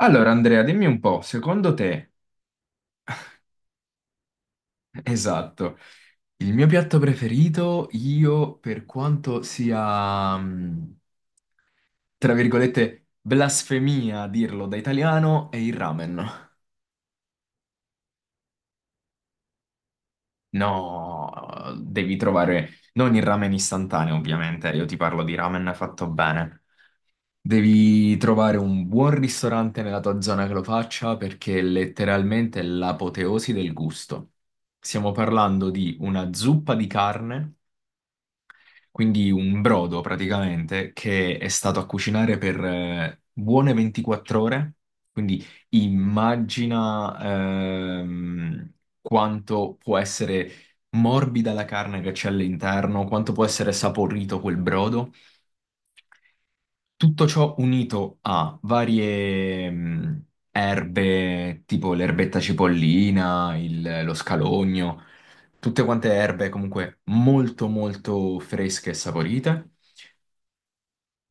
Allora, Andrea, dimmi un po', secondo te, esatto, il mio piatto preferito, io, per quanto sia, tra virgolette, blasfemia dirlo da italiano, è il ramen. No, devi trovare, non il ramen istantaneo, ovviamente, io ti parlo di ramen fatto bene. Devi trovare un buon ristorante nella tua zona che lo faccia perché è letteralmente l'apoteosi del gusto. Stiamo parlando di una zuppa di carne. Quindi un brodo praticamente che è stato a cucinare per buone 24 ore. Quindi immagina quanto può essere morbida la carne che c'è all'interno, quanto può essere saporito quel brodo. Tutto ciò unito a varie erbe, tipo l'erbetta cipollina, lo scalogno, tutte quante erbe comunque molto molto fresche e saporite.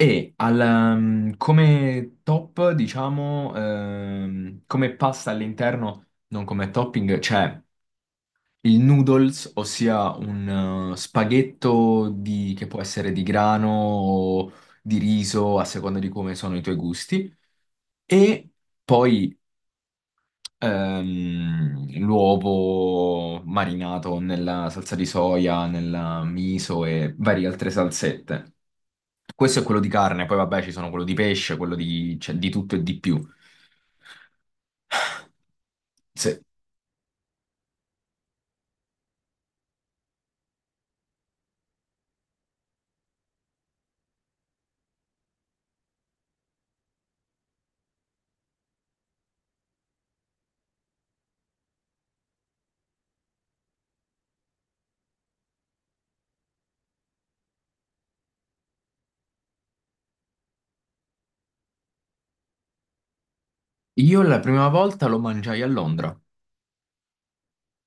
E al, come top, diciamo, come pasta all'interno, non come topping, c'è il noodles, ossia un spaghetto che può essere di grano o di riso, a seconda di come sono i tuoi gusti, e poi l'uovo marinato nella salsa di soia, nella miso e varie altre salsette. Questo è quello di carne, poi vabbè ci sono quello di pesce, quello di, cioè, di tutto e di più. Se- Io la prima volta lo mangiai a Londra.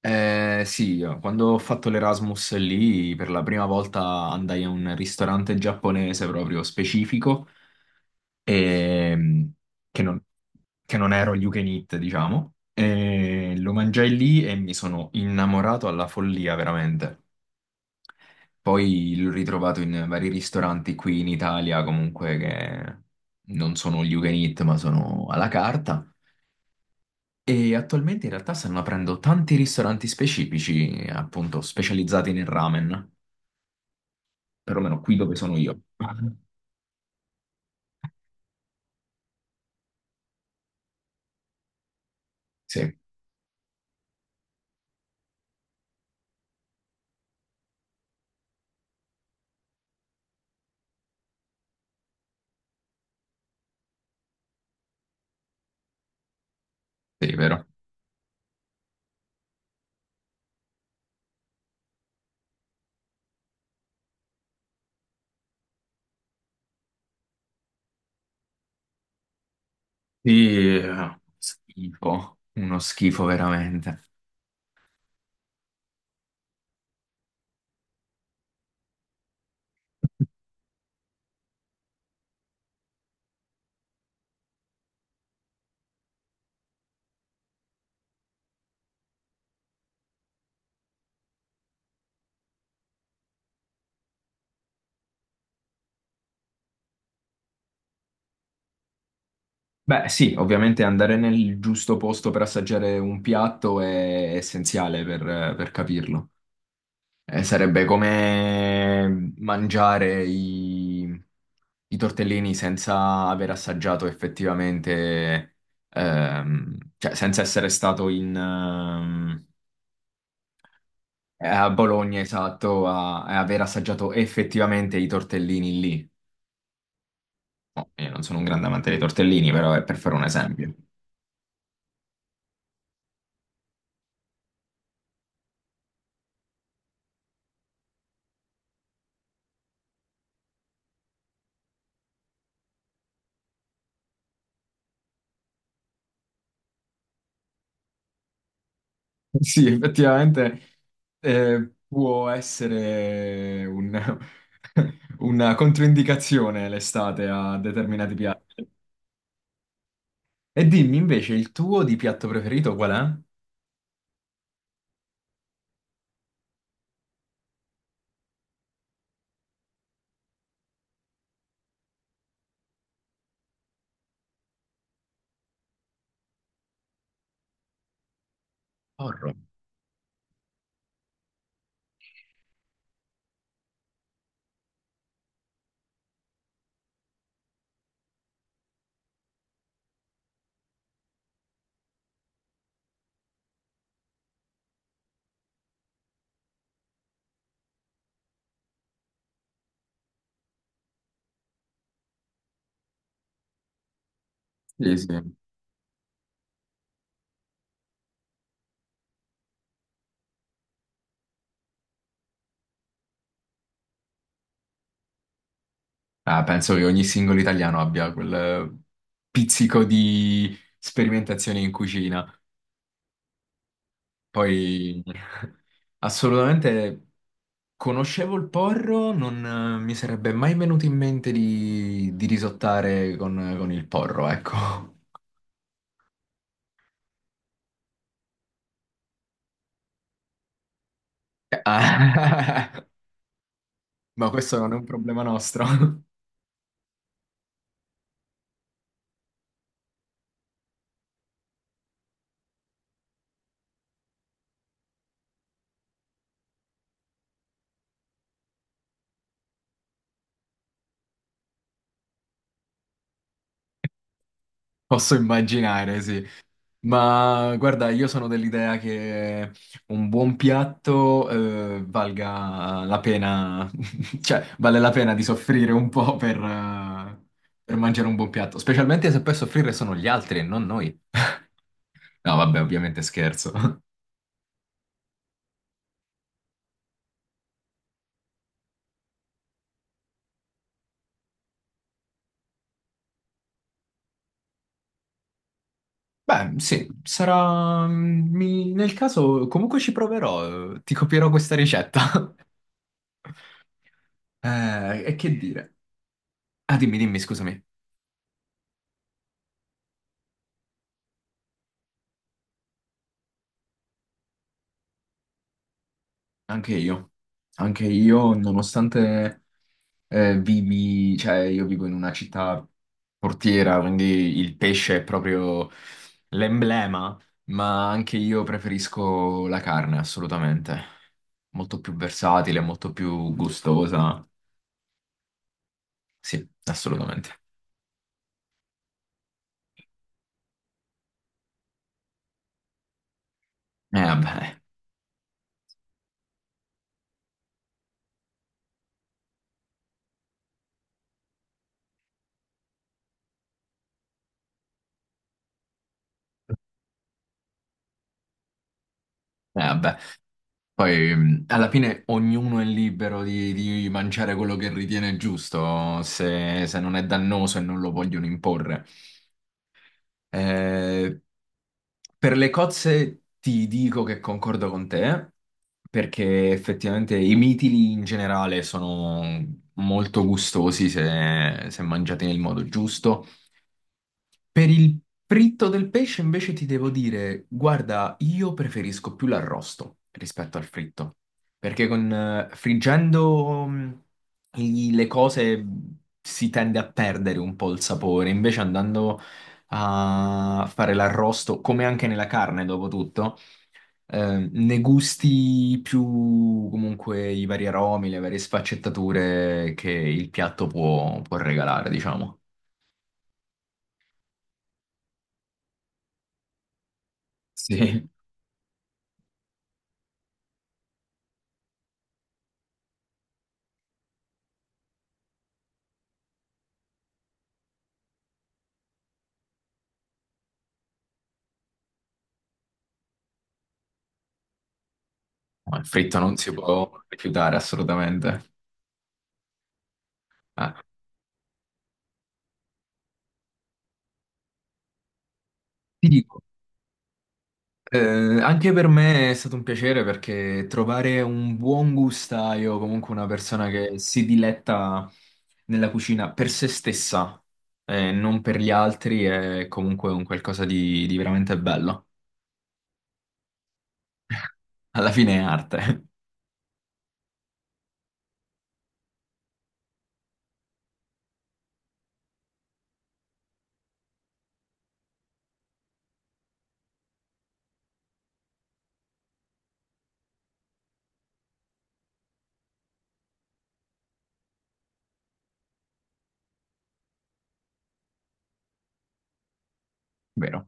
Sì, io, quando ho fatto l'Erasmus lì, per la prima volta andai a un ristorante giapponese proprio specifico, ehm, che non, che non ero all you can eat, diciamo. E lo mangiai lì e mi sono innamorato alla follia, veramente. Poi l'ho ritrovato in vari ristoranti qui in Italia, comunque che non sono gli you can eat, ma sono alla carta. E attualmente in realtà stanno aprendo tanti ristoranti specifici, appunto, specializzati nel ramen, perlomeno qui dove sono io. Sì, sì, vero. Sì, schifo, uno schifo veramente. Beh, sì, ovviamente andare nel giusto posto per assaggiare un piatto è essenziale per capirlo. Sarebbe come mangiare i tortellini senza aver assaggiato effettivamente, cioè senza essere stato in, a Bologna, esatto, a aver assaggiato effettivamente i tortellini lì. Oh, io non sono un grande amante dei tortellini, però è per fare un esempio. Sì, effettivamente può essere una controindicazione l'estate a determinati piatti. E dimmi invece, il tuo di piatto preferito qual è? Porro. Sì, sì. Ah, penso che ogni singolo italiano abbia quel pizzico di sperimentazione in cucina. Poi, assolutamente. Conoscevo il porro, non mi sarebbe mai venuto in mente di risottare con il porro, ecco. Ah. Ma questo non è un problema nostro. Posso immaginare, sì. Ma guarda, io sono dell'idea che un buon piatto valga la pena, cioè vale la pena di soffrire un po' per mangiare un buon piatto, specialmente se poi a soffrire sono gli altri e non noi. No, vabbè, ovviamente scherzo. Beh, sì, sarà... Nel caso comunque ci proverò, ti copierò questa ricetta. E che dire? Ah, dimmi, dimmi, scusami. Anche io. Anche io, nonostante vivi... Cioè, io vivo in una città portiera, quindi il pesce è proprio l'emblema, ma anche io preferisco la carne, assolutamente. Molto più versatile, molto più gustosa. Sì, assolutamente. Vabbè. Vabbè. Poi alla fine ognuno è libero di mangiare quello che ritiene giusto, se non è dannoso e non lo vogliono imporre. Eh, per le cozze ti dico che concordo con te, perché effettivamente i mitili in generale sono molto gustosi se mangiati nel modo giusto. Per il fritto del pesce invece ti devo dire, guarda, io preferisco più l'arrosto rispetto al fritto, perché con, friggendo le cose si tende a perdere un po' il sapore, invece andando a fare l'arrosto, come anche nella carne dopo tutto, ne gusti più comunque i vari aromi, le varie sfaccettature che il piatto può regalare, diciamo. Sì. No, il fritto non si può rifiutare assolutamente. Ah, ti dico, anche per me è stato un piacere perché trovare un buon gustaio, comunque una persona che si diletta nella cucina per se stessa e non per gli altri, è comunque un qualcosa di veramente bello. Alla fine è arte, vero?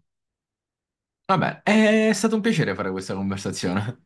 Vabbè, è stato un piacere fare questa conversazione.